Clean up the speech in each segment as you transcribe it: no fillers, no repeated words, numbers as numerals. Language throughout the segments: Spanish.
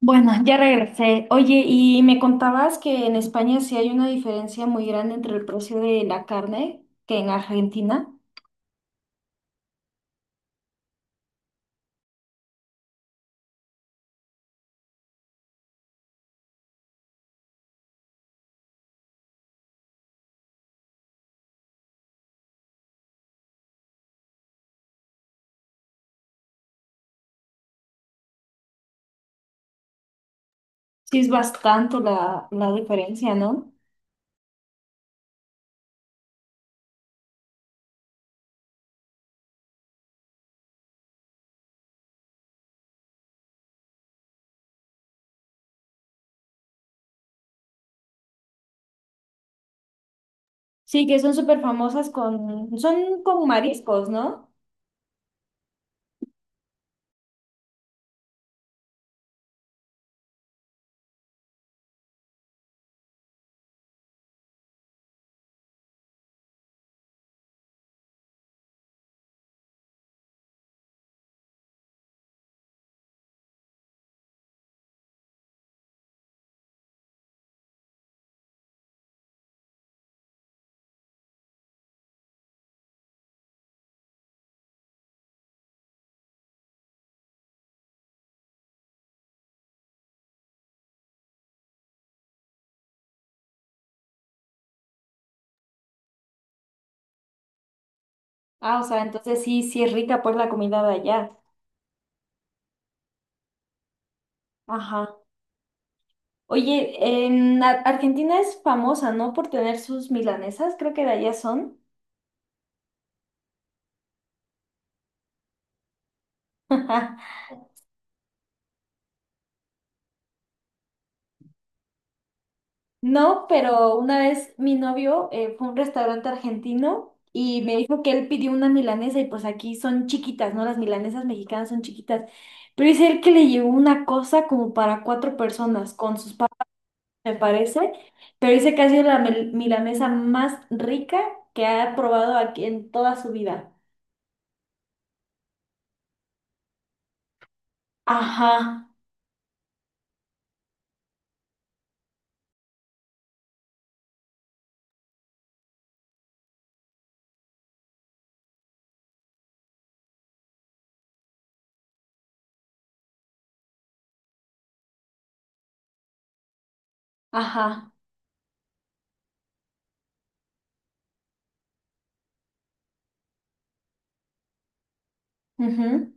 Bueno, ya regresé. Oye, y me contabas que en España sí hay una diferencia muy grande entre el precio de la carne que en Argentina. Sí es bastante la diferencia, ¿no? Sí, que son súper famosas con, son con mariscos, ¿no? Ah, o sea, entonces sí, sí es rica pues la comida de allá. Ajá. Oye, en Argentina es famosa, ¿no? Por tener sus milanesas, creo que de allá son. No, pero una vez mi novio fue a un restaurante argentino y me dijo que él pidió una milanesa y pues aquí son chiquitas, ¿no? Las milanesas mexicanas son chiquitas. Pero dice él que le llevó una cosa como para cuatro personas con sus papas, me parece. Pero dice que ha sido la milanesa más rica que ha probado aquí en toda su vida. Ajá, ajá. Ujú.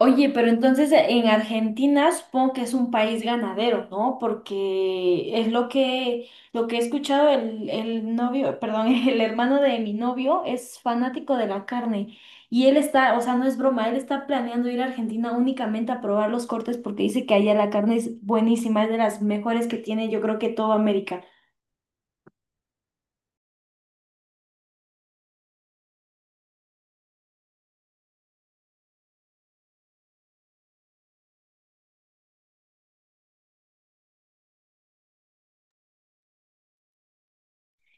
Oye, pero entonces en Argentina supongo que es un país ganadero, ¿no? Porque es lo que he escuchado, el novio, perdón, el hermano de mi novio es fanático de la carne y él está, o sea, no es broma, él está planeando ir a Argentina únicamente a probar los cortes porque dice que allá la carne es buenísima, es de las mejores que tiene, yo creo que toda América.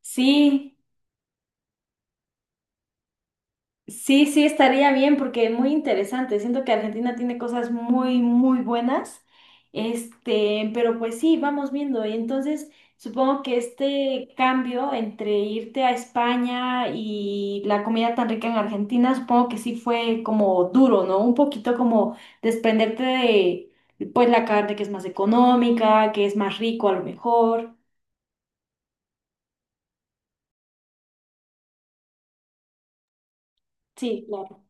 Sí. Sí, sí, estaría bien porque es muy interesante. Siento que Argentina tiene cosas muy, muy buenas. Este, pero pues sí, vamos viendo. Y entonces supongo que este cambio entre irte a España y la comida tan rica en Argentina, supongo que sí fue como duro, ¿no? Un poquito como desprenderte de, pues, la carne que es más económica, que es más rico a lo mejor. Sí, claro.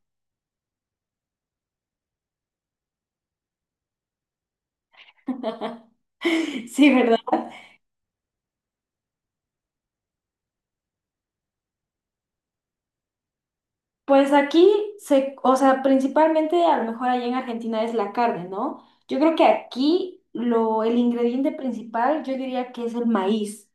Sí, ¿verdad? Pues aquí se, o sea, principalmente a lo mejor allá en Argentina es la carne, ¿no? Yo creo que aquí lo, el ingrediente principal yo diría que es el maíz.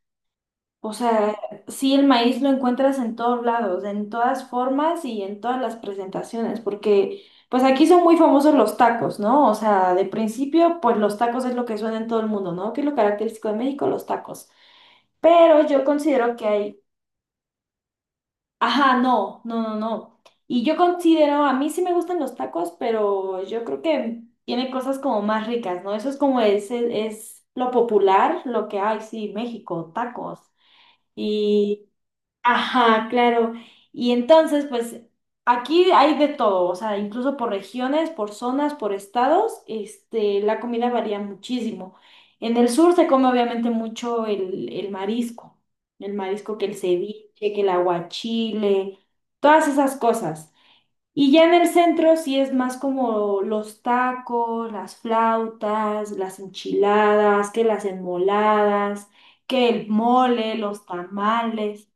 O sea, sí, el maíz lo encuentras en todos lados, en todas formas y en todas las presentaciones, porque pues aquí son muy famosos los tacos, ¿no? O sea, de principio, pues los tacos es lo que suena en todo el mundo, ¿no? Que es lo característico de México, los tacos. Pero yo considero que hay. Ajá, no, no, no, no. Y yo considero, a mí sí me gustan los tacos, pero yo creo que tiene cosas como más ricas, ¿no? Eso es como es, es lo popular, lo que hay, sí, México, tacos. Ajá, claro. Y entonces, pues aquí hay de todo, o sea, incluso por regiones, por zonas, por estados, este, la comida varía muchísimo. En el sur se come obviamente mucho el marisco, el marisco que el ceviche, que el aguachile, todas esas cosas. Y ya en el centro sí es más como los tacos, las flautas, las enchiladas, que las enmoladas, que el mole, los tamales.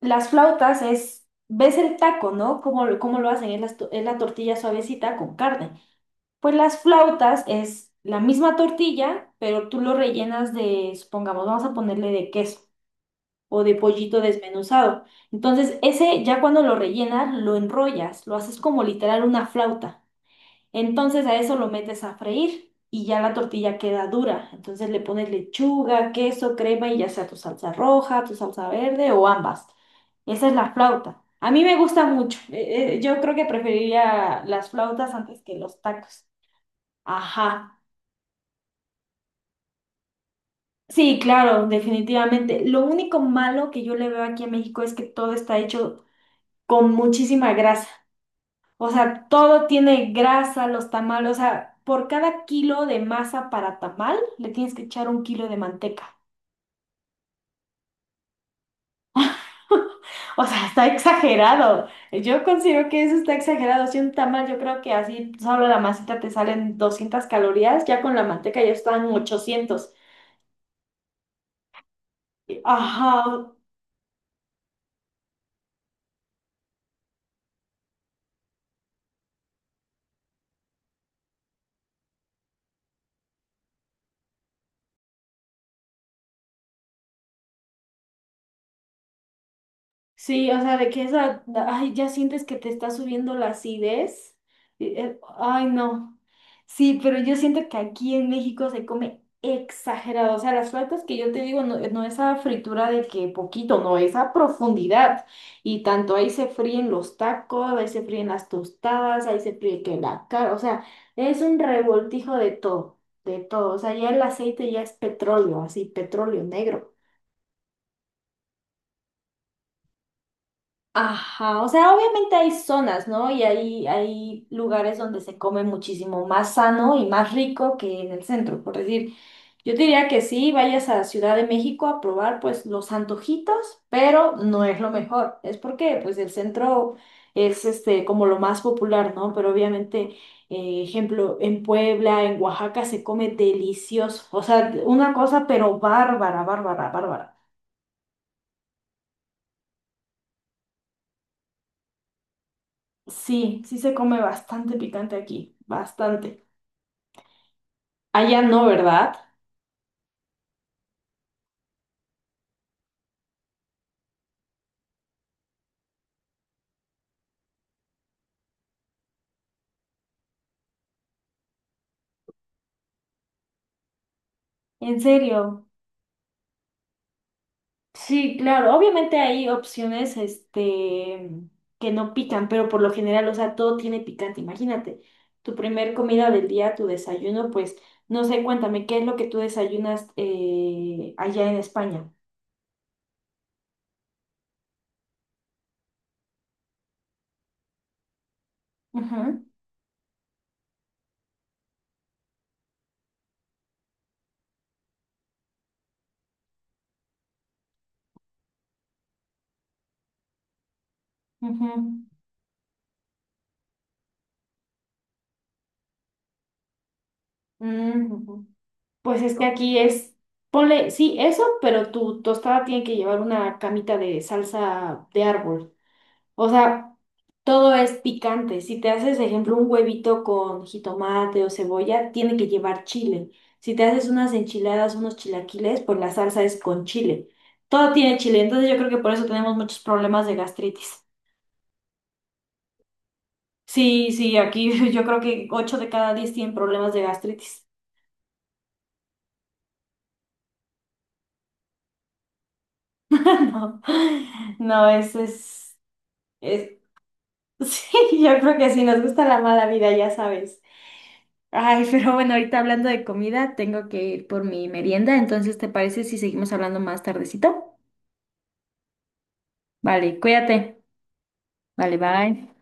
Las flautas es, ves el taco, ¿no? ¿Cómo, cómo lo hacen? Es la tortilla suavecita con carne. Pues las flautas es la misma tortilla, pero tú lo rellenas de, supongamos, vamos a ponerle de queso o de pollito desmenuzado. Entonces, ese ya cuando lo rellenas, lo enrollas, lo haces como literal una flauta. Entonces a eso lo metes a freír y ya la tortilla queda dura. Entonces le pones lechuga, queso, crema y ya sea tu salsa roja, tu salsa verde o ambas. Esa es la flauta. A mí me gusta mucho. Yo creo que preferiría las flautas antes que los tacos. Ajá. Sí, claro, definitivamente. Lo único malo que yo le veo aquí en México es que todo está hecho con muchísima grasa. O sea, todo tiene grasa, los tamales, o sea, por cada kilo de masa para tamal le tienes que echar un kilo de manteca. O sea, está exagerado. Yo considero que eso está exagerado. Si un tamal, yo creo que así solo la masita te salen 200 calorías, ya con la manteca ya están 800. Ajá, sí, o sea, de que esa, ay, ya sientes que te está subiendo la acidez. Y, ay, no. Sí, pero yo siento que aquí en México se come exagerado. O sea, las flautas que yo te digo, no, no es a fritura de que poquito, no, es a profundidad. Y tanto ahí se fríen los tacos, ahí se fríen las tostadas, ahí se fríe que la cara. O sea, es un revoltijo de todo, de todo. O sea, ya el aceite ya es petróleo, así, petróleo negro. Ajá, o sea, obviamente hay zonas, ¿no? Y hay lugares donde se come muchísimo más sano y más rico que en el centro, por decir. Yo te diría que sí, vayas a Ciudad de México a probar pues los antojitos, pero no es lo mejor. Es porque pues el centro es este como lo más popular, ¿no? Pero obviamente, ejemplo, en Puebla, en Oaxaca se come delicioso. O sea, una cosa pero bárbara, bárbara, bárbara. Sí, sí se come bastante picante aquí, bastante. Allá no, ¿verdad? En serio, sí, claro. Obviamente hay opciones, este, que no pican, pero por lo general, o sea, todo tiene picante. Imagínate, tu primer comida del día, tu desayuno, pues, no sé, cuéntame, ¿qué es lo que tú desayunas allá en España? Ujú, ujú, mm, ujú. Pues es que aquí es, ponle, sí, eso, pero tu tostada tiene que llevar una camita de salsa de árbol. O sea, todo es picante. Si te haces, ejemplo, un huevito con jitomate o cebolla, tiene que llevar chile. Si te haces unas enchiladas, unos chilaquiles, pues la salsa es con chile. Todo tiene chile. Entonces yo creo que por eso tenemos muchos problemas de gastritis. Sí, sí, aquí yo creo que 8 de cada 10 tienen problemas de gastritis. No, no, es. Sí, yo creo que si nos gusta la mala vida, ya sabes. Ay, pero bueno, ahorita hablando de comida, tengo que ir por mi merienda, entonces ¿te parece si seguimos hablando más tardecito? Vale, cuídate. Vale, bye.